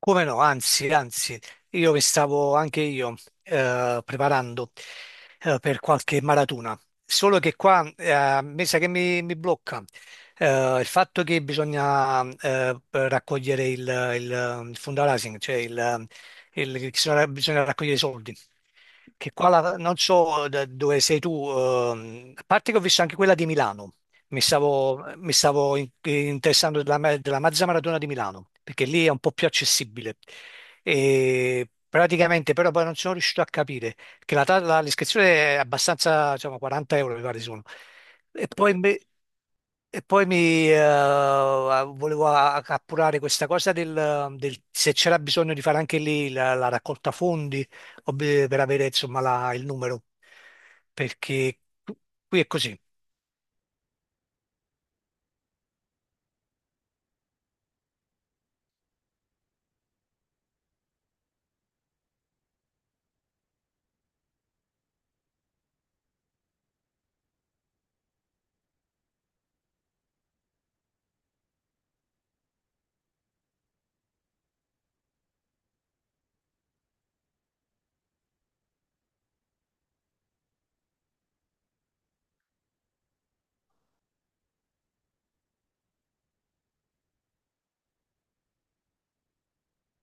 Come no, anzi, anzi, io mi stavo anche io preparando per qualche maratona, solo che qua mi sa che mi blocca il fatto che bisogna raccogliere il fundraising, cioè il, bisogna raccogliere i soldi che qua, non so da dove sei tu, a parte che ho visto anche quella di Milano. Mi stavo interessando della Mazza Maratona di Milano, perché lì è un po' più accessibile. E praticamente però poi non sono riuscito a capire, che l'iscrizione è abbastanza, diciamo, 40 euro mi pare sono. E poi mi, e poi mi volevo appurare questa cosa del se c'era bisogno di fare anche lì la raccolta fondi per avere insomma il numero, perché qui è così.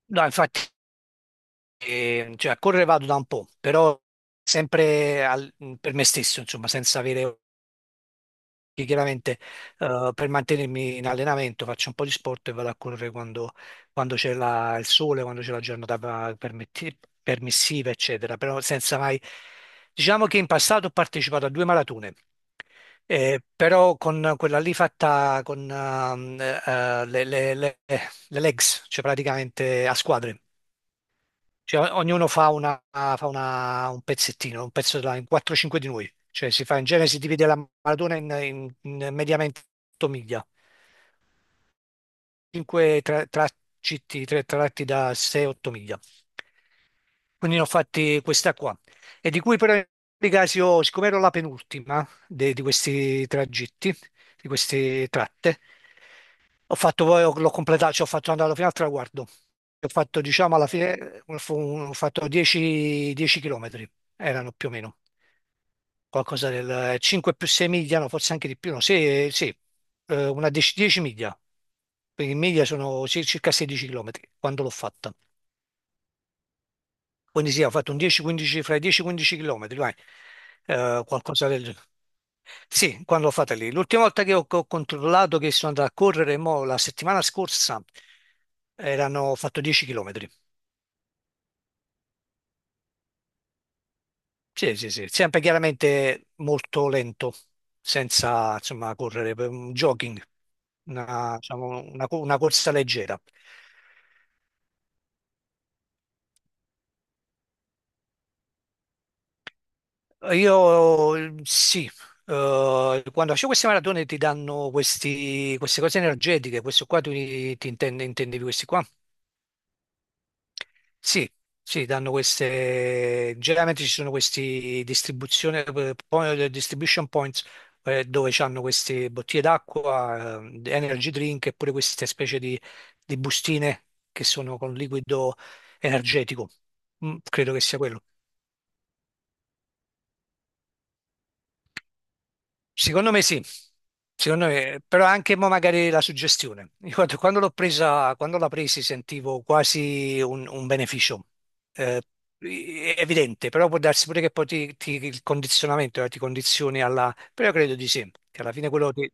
No, infatti, cioè, a correre vado da un po', però sempre per me stesso, insomma, senza avere che chiaramente per mantenermi in allenamento faccio un po' di sport e vado a correre quando c'è il sole, quando c'è la giornata permissiva, eccetera, però senza mai. Diciamo che in passato ho partecipato a due maratone, però con quella lì fatta con le legs, cioè praticamente a squadre. Cioè, ognuno fa, fa un pezzettino, un pezzo della, in 4-5 di noi. Cioè, si fa in genere, si divide la maratona in mediamente 8 miglia, 5 tra, tra- citti, tre tratti da 6-8 miglia. Quindi ne ho fatti questa qua. E di cui però in ogni caso, io, siccome ero la penultima di questi tragitti, di queste tratte, ho fatto poi, l'ho completato, ci ho fatto andare fino al traguardo. Ho fatto, diciamo, alla fine, ho fatto 10 km, erano più o meno, qualcosa del 5 più 6 miglia, no, forse anche di più, no, sì, sì, una 10 miglia. Quindi in miglia sono circa 16 km quando l'ho fatta. Quindi sì, ho fatto un fra i 10-15 km, vai. Qualcosa del genere. Sì, quando l'ho fatta lì. L'ultima volta che che ho controllato che sono andato a correre, mo, la settimana scorsa, erano, ho fatto 10 km. Sì, sì, sì, sempre chiaramente molto lento, senza, insomma, correre, per un jogging, una, diciamo, una corsa leggera. Io sì, quando faccio queste maratone ti danno queste cose energetiche, questo qua tu ti, ti intendevi questi qua? Sì, sì, danno queste, generalmente ci sono questi distribuzione, eh, distribution points dove hanno queste bottiglie d'acqua, energy drink e pure queste specie di bustine che sono con liquido energetico. Mm, credo che sia quello. Secondo me sì, secondo me, però anche mo magari la suggestione. Ricordo quando l'ho presa, quando la presi sentivo quasi un beneficio eh, evidente, però può darsi pure che poi il condizionamento, ti condizioni alla. Però credo di sì, che alla fine quello ti.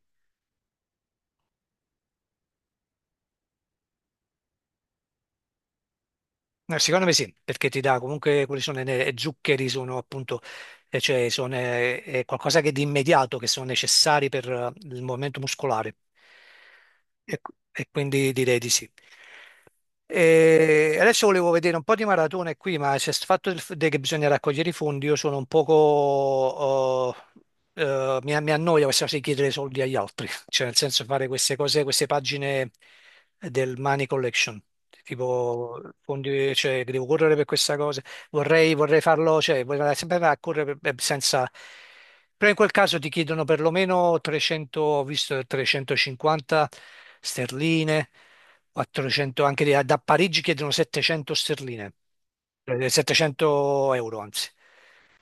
No, secondo me sì, perché ti dà comunque quelli sono le zuccheri, sono appunto e cioè è qualcosa che di immediato, che sono necessari per il movimento muscolare. E quindi direi di sì. E adesso volevo vedere un po' di maratone qui, ma c'è il fatto che bisogna raccogliere i fondi, io sono un poco. Oh, mi annoia questa cosa di chiedere soldi agli altri, cioè nel senso fare queste cose, queste pagine del Money Collection, tipo fondi, cioè che devo correre per questa cosa. Vorrei farlo, cioè vorrei andare sempre a correre senza. Però in quel caso ti chiedono perlomeno 300, ho visto 350 sterline, 400, anche da Parigi chiedono 700 sterline, 700 euro anzi.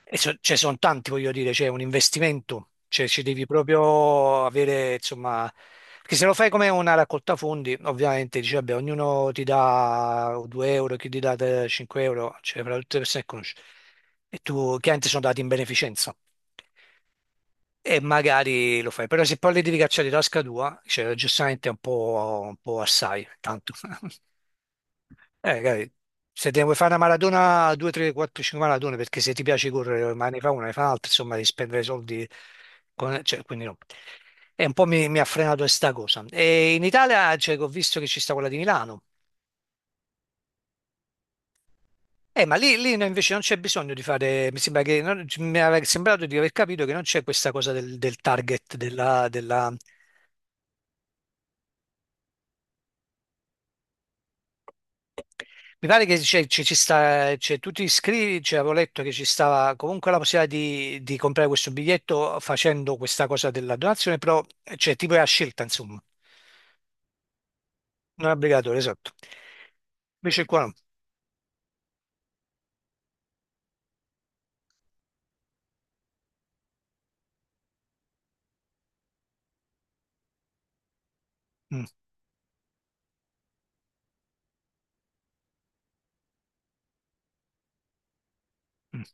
E ce ne sono tanti, voglio dire, c'è un investimento, cioè ci devi proprio avere, insomma, perché se lo fai come una raccolta fondi, ovviamente dici, vabbè, ognuno ti dà 2 euro, chi ti dà 5 euro, cioè fra tutte le persone che conosci. E tu, chiaramente sono dati in beneficenza e magari lo fai, però se poi li devi cacciare di tasca tua, cioè, giustamente è un po' assai, tanto. Dai, se te ne vuoi fare una maratona, 2, 3, 4, 5 maratone, perché se ti piace correre, ma ne fa una, ne fa un'altra, insomma, devi spendere soldi, cioè, quindi no. E un po' mi ha frenato questa cosa. E in Italia, cioè, che ho visto che ci sta quella di Milano. Ma lì, lì no, invece non c'è bisogno di fare, mi sembra che, mi aveva sembrato di aver capito che non c'è questa cosa del, del target della. Mi pare che ci ci sta, cioè, tu ti iscrivi, cioè, avevo letto che ci stava comunque la possibilità di comprare questo biglietto facendo questa cosa della donazione, però cioè, tipo è a scelta, insomma, non è obbligatorio, esatto. Invece qua no. Mm, mm.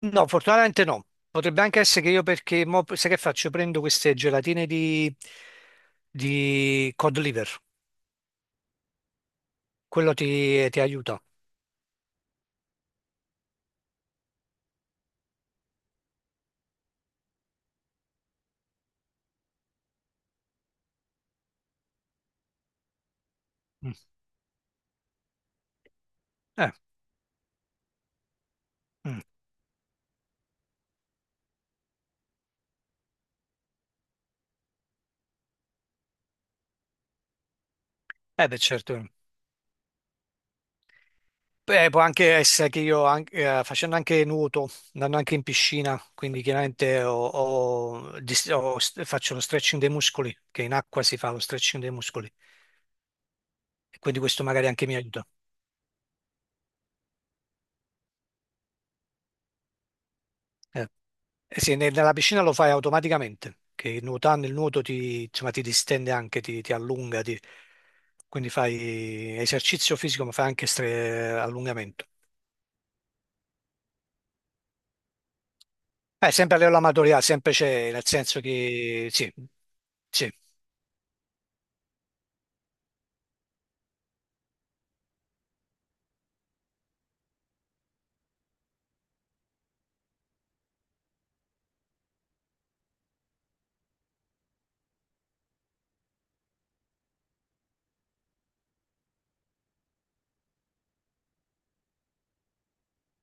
No, fortunatamente no. Potrebbe anche essere che io perché, mo, sai che faccio? Prendo queste gelatine di cod liver, quello ti, ti aiuta. Mm. Eh, mm. Beh, certo. Beh, può anche essere che io facendo anche nuoto, andando anche in piscina, quindi chiaramente ho- ho dis- ho st- faccio lo stretching dei muscoli, che in acqua si fa lo stretching dei muscoli, e quindi questo magari anche mi aiuta. Eh. Eh sì, nella piscina lo fai automaticamente, che nuotando il nuoto ti, insomma, ti distende anche, ti allunga, quindi fai esercizio fisico, ma fai anche allungamento. Sempre a livello amatoriale, sempre c'è, nel senso che sì, sì.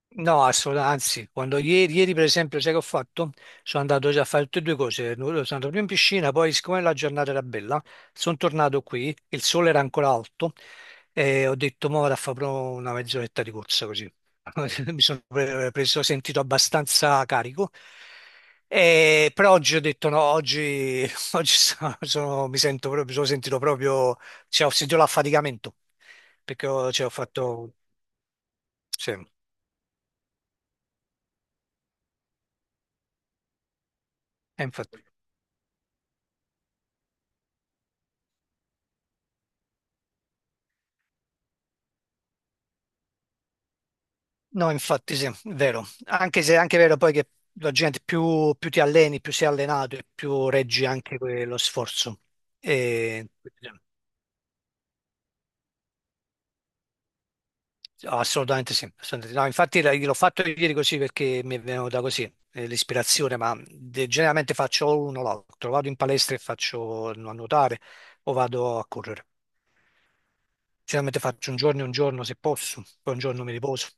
No, assolutamente, anzi, quando ieri, per esempio, sai che ho fatto? Sono andato già a fare tutte e due cose, sono andato prima in piscina, poi siccome la giornata era bella, sono tornato qui, il sole era ancora alto e ho detto, mo vado a fare proprio una mezz'oretta di corsa così. Mi sono preso, sentito abbastanza carico. Però oggi ho detto no, oggi, oggi mi sento proprio, mi sono sentito proprio, cioè, ho sentito l'affaticamento, perché ho, cioè, ho fatto, sì, e infatti. No, infatti sì, è vero. Anche se è anche vero poi che la gente più ti alleni, più sei allenato e più reggi anche lo sforzo. E- Assolutamente sì. Assolutamente, sì. No, infatti l'ho fatto ieri così perché mi è venuta così l'ispirazione, ma generalmente faccio o l'uno o l'altro. Vado in palestra e faccio a nuotare o vado a correre. Generalmente faccio un giorno e un giorno se posso, poi un giorno mi riposo.